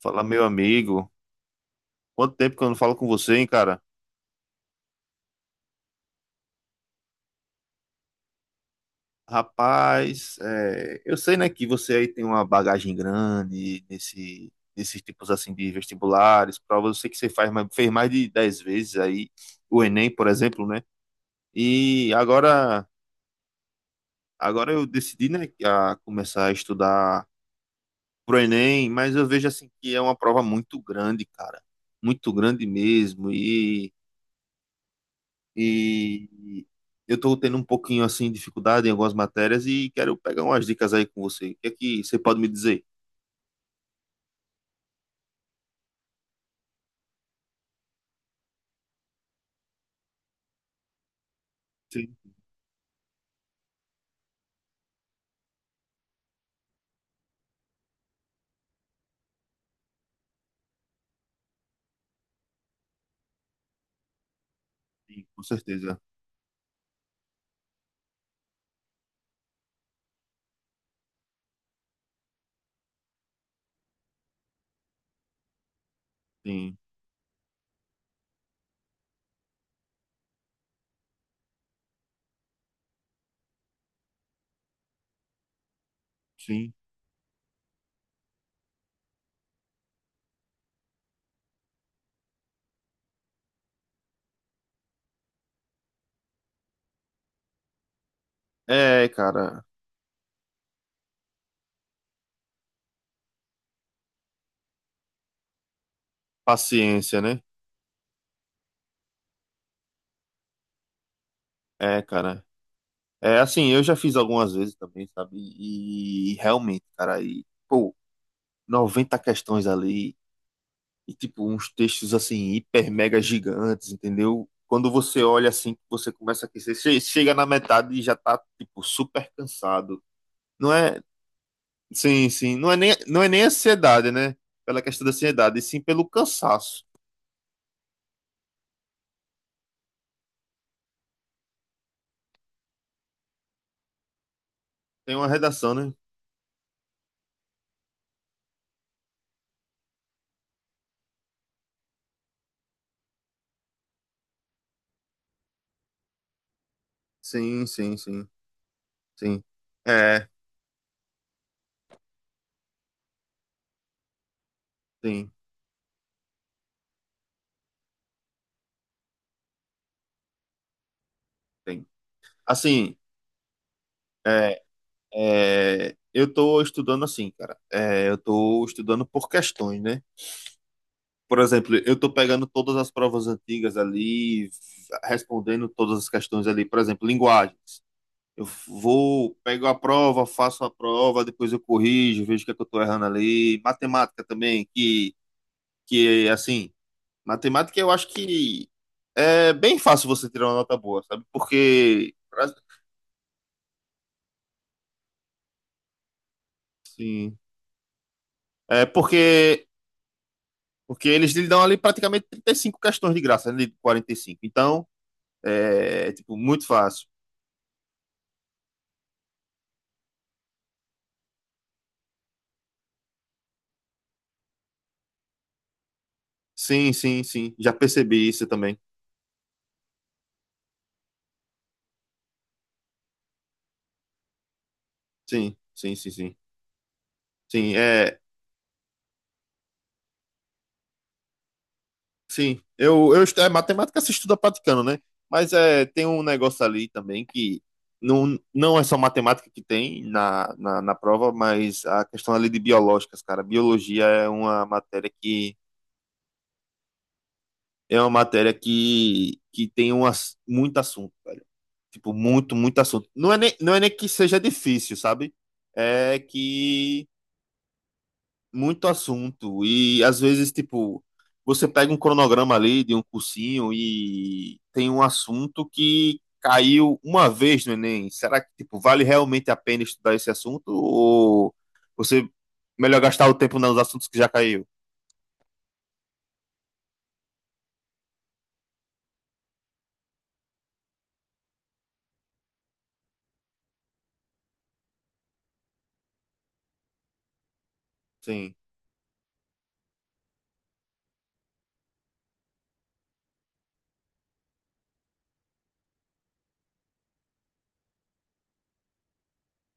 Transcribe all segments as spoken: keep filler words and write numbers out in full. Fala, meu amigo. Quanto tempo que eu não falo com você, hein, cara? Rapaz, é, eu sei, né, que você aí tem uma bagagem grande nesse, nesses tipos assim de vestibulares, provas. Eu sei que você faz, mais- fez mais de dez vezes aí o Enem, por exemplo, né? E agora, agora eu decidi, né, a começar a estudar pro Enem, mas eu vejo assim que é uma prova muito grande, cara. Muito grande mesmo. E eu estou tendo um pouquinho assim de dificuldade em algumas matérias e quero pegar umas dicas aí com você. O que é que você pode me dizer? Sim, sim, com certeza. Sim, sim. É, cara, paciência, né? É, cara. É assim, eu já fiz algumas vezes também, sabe? E realmente, cara, e, pô, noventa questões ali e tipo uns textos assim hiper mega gigantes, entendeu? Quando você olha assim, você começa a aquecer, che- chega na metade e já tá tipo super cansado. Não é. Sim, sim. Não é nem, não é nem ansiedade, né? Pela questão da ansiedade, e sim pelo cansaço. Tem uma redação, né? Sim, sim, sim, sim. É, sim, tem. Assim, é, é, eu tô estudando assim, cara. É, eu tô estudando por questões, né? Por exemplo, eu tô pegando todas as provas antigas ali, respondendo todas as questões ali. Por exemplo, linguagens. Eu vou, pego a prova, faço a prova, depois eu corrijo, vejo o que é que eu tô errando ali. Matemática também, que que, assim, matemática eu acho que é bem fácil você tirar uma nota boa, sabe? Porque, sim, é porque, porque eles lhe dão ali praticamente trinta e cinco questões de graça, né, de quarenta e cinco. Então, é, tipo, muito fácil. Sim, sim, sim. Já percebi isso também. Sim, sim, sim, sim. Sim, é. Sim, eu, eu estu- é matemática se estuda praticando, né? Mas é, tem um negócio ali também que não, não é só matemática que tem na, na, na prova, mas a questão ali de biológicas, cara. Biologia é uma matéria que é uma matéria que, que tem um, ass- muito assunto, velho. Tipo, muito, muito assunto. Não é nem, não é nem que seja difícil, sabe? É que muito assunto. E às vezes, tipo, você pega um cronograma ali de um cursinho e tem um assunto que caiu uma vez no Enem. Será que, tipo, vale realmente a pena estudar esse assunto? Ou você melhor gastar o tempo nos assuntos que já caiu? Sim,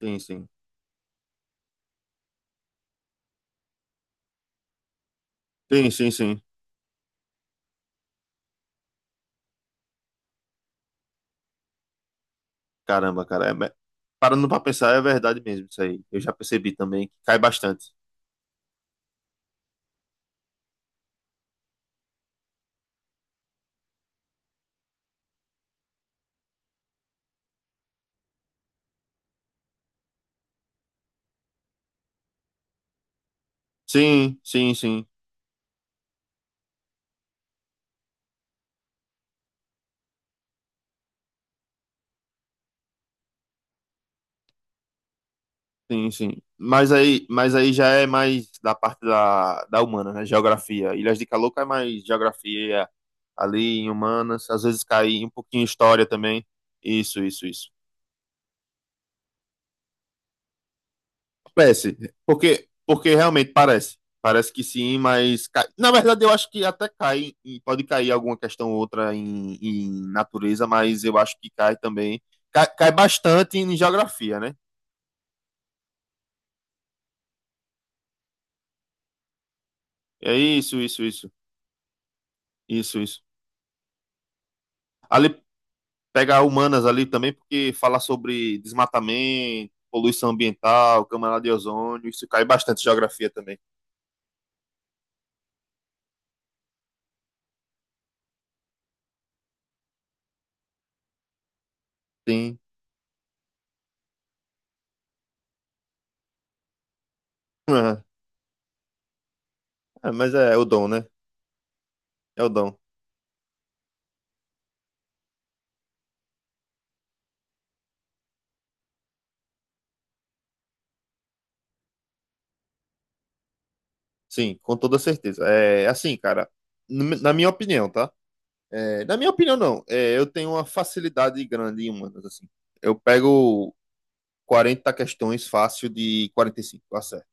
sim, sim. Sim, sim, sim. Caramba, cara. É- é- parando pra pensar, é verdade mesmo isso aí. Eu já percebi também que cai bastante. Sim, sim, sim. Sim, sim. Mas aí, mas aí já é mais da parte da, da humana, né? Geografia. Ilhas de Calor cai mais geografia ali em humanas, às vezes cai um pouquinho em história também. Isso, isso, isso. Parece, porque, porque realmente parece. Parece que sim, mas cai. Na verdade, eu acho que até cai, e pode cair alguma questão ou outra em, em natureza, mas eu acho que cai também. Cai, cai bastante em geografia, né? É isso, isso, isso. Isso, isso. Ali pegar humanas ali também, porque falar sobre desmatamento, poluição ambiental, camada de ozônio, isso cai bastante em geografia também. Sim. Aham. É, mas é, o dom, né? É o dom. Sim, com toda certeza. É assim, cara, n- na minha opinião, tá? É, na minha opinião, não. É, eu tenho uma facilidade grande em humanas, assim. Eu pego quarenta questões fácil de quarenta e cinco, eu acerto.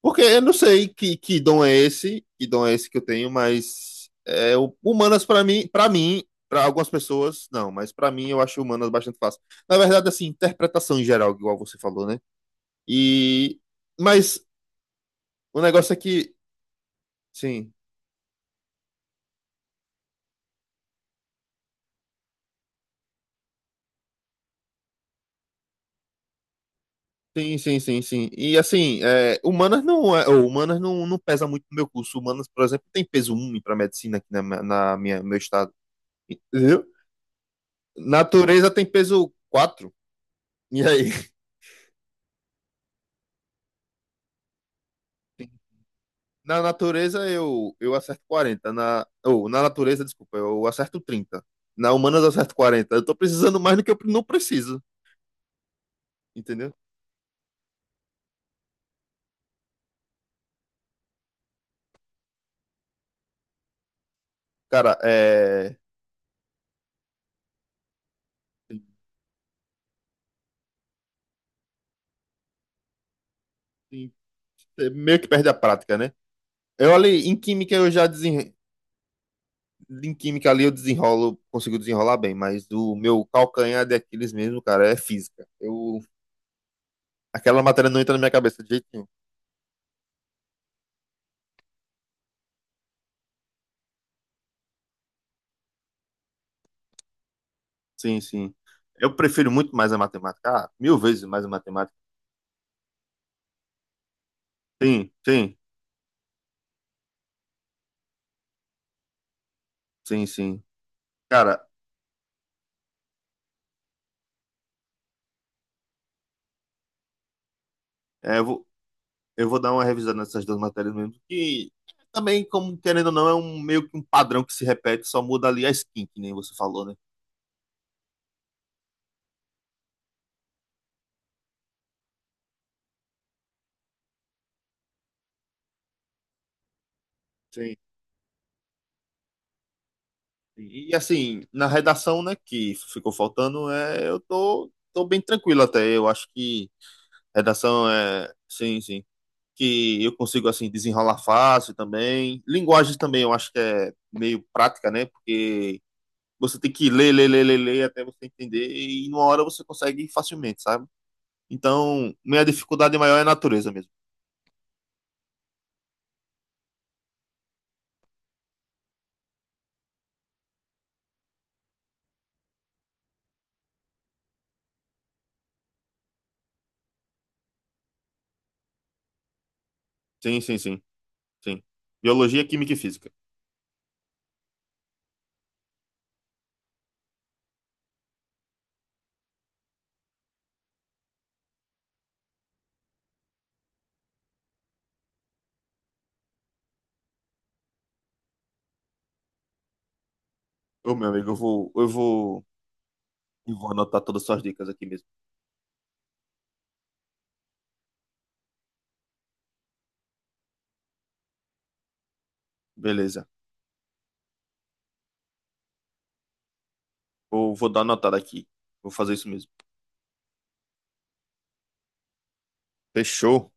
Porque eu não sei que, que dom é esse, que dom é esse que eu tenho, mas é, o- humanas para mim, para mim, para algumas pessoas, não, mas para mim eu acho humanas bastante fácil. Na verdade, assim, interpretação em geral, igual você falou, né? E mas o negócio é que, sim, sim, sim, sim, sim. E assim, é, humanas não é, ou humanas não, não pesa muito no meu curso. Humanas, por exemplo, tem peso um para medicina aqui na, minha- na minha meu estado, entendeu? Natureza tem peso quatro. E aí? Na natureza eu, eu acerto quarenta. Na, ou, na natureza, desculpa, eu acerto trinta. Na humanas eu acerto quarenta. Eu tô precisando mais do que eu não preciso, entendeu? Cara, é. tem- tem- É meio que perde a prática, né? Eu ali, em química eu já desen... Em química ali eu desenrolo, consigo desenrolar bem, mas o meu calcanhar de Aquiles mesmo, cara, é física. Eu... Aquela matéria não entra na minha cabeça de jeito nenhum. Sim, sim. Eu prefiro muito mais a matemática. Ah, mil vezes mais a matemática. Sim, sim, sim, sim. Cara, é, eu vou, eu vou dar uma revisada nessas duas matérias mesmo, que também, como querendo ou não, é um meio que um padrão que se repete, só muda ali a skin, que nem você falou, né? Sim. E assim, na redação, né, que ficou faltando, é, eu tô, tô bem tranquilo até. Eu acho que redação é, sim, sim, que eu consigo assim desenrolar fácil também. Linguagem também, eu acho que é meio prática, né? Porque você tem que ler, ler, ler, ler, ler até você entender e numa hora você consegue facilmente, sabe? Então, minha dificuldade maior é natureza mesmo. Sim, sim, sim, sim. Biologia, química e física. Ô, meu amigo, eu vou, eu vou, eu vou anotar todas as suas dicas aqui mesmo. Beleza. Vou, vou dar anotada aqui. Vou fazer isso mesmo. Fechou.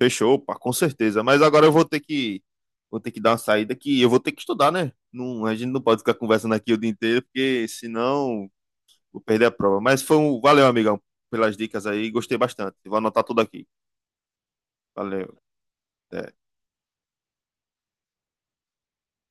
Fechou, pá, com certeza. Mas agora eu vou ter que, vou ter que dar uma saída que eu vou ter que estudar, né? Não, a gente não pode ficar conversando aqui o dia inteiro, porque senão vou perder a prova. Mas foi um, valeu, amigão, pelas dicas aí. Gostei bastante. Vou anotar tudo aqui. Valeu. Até.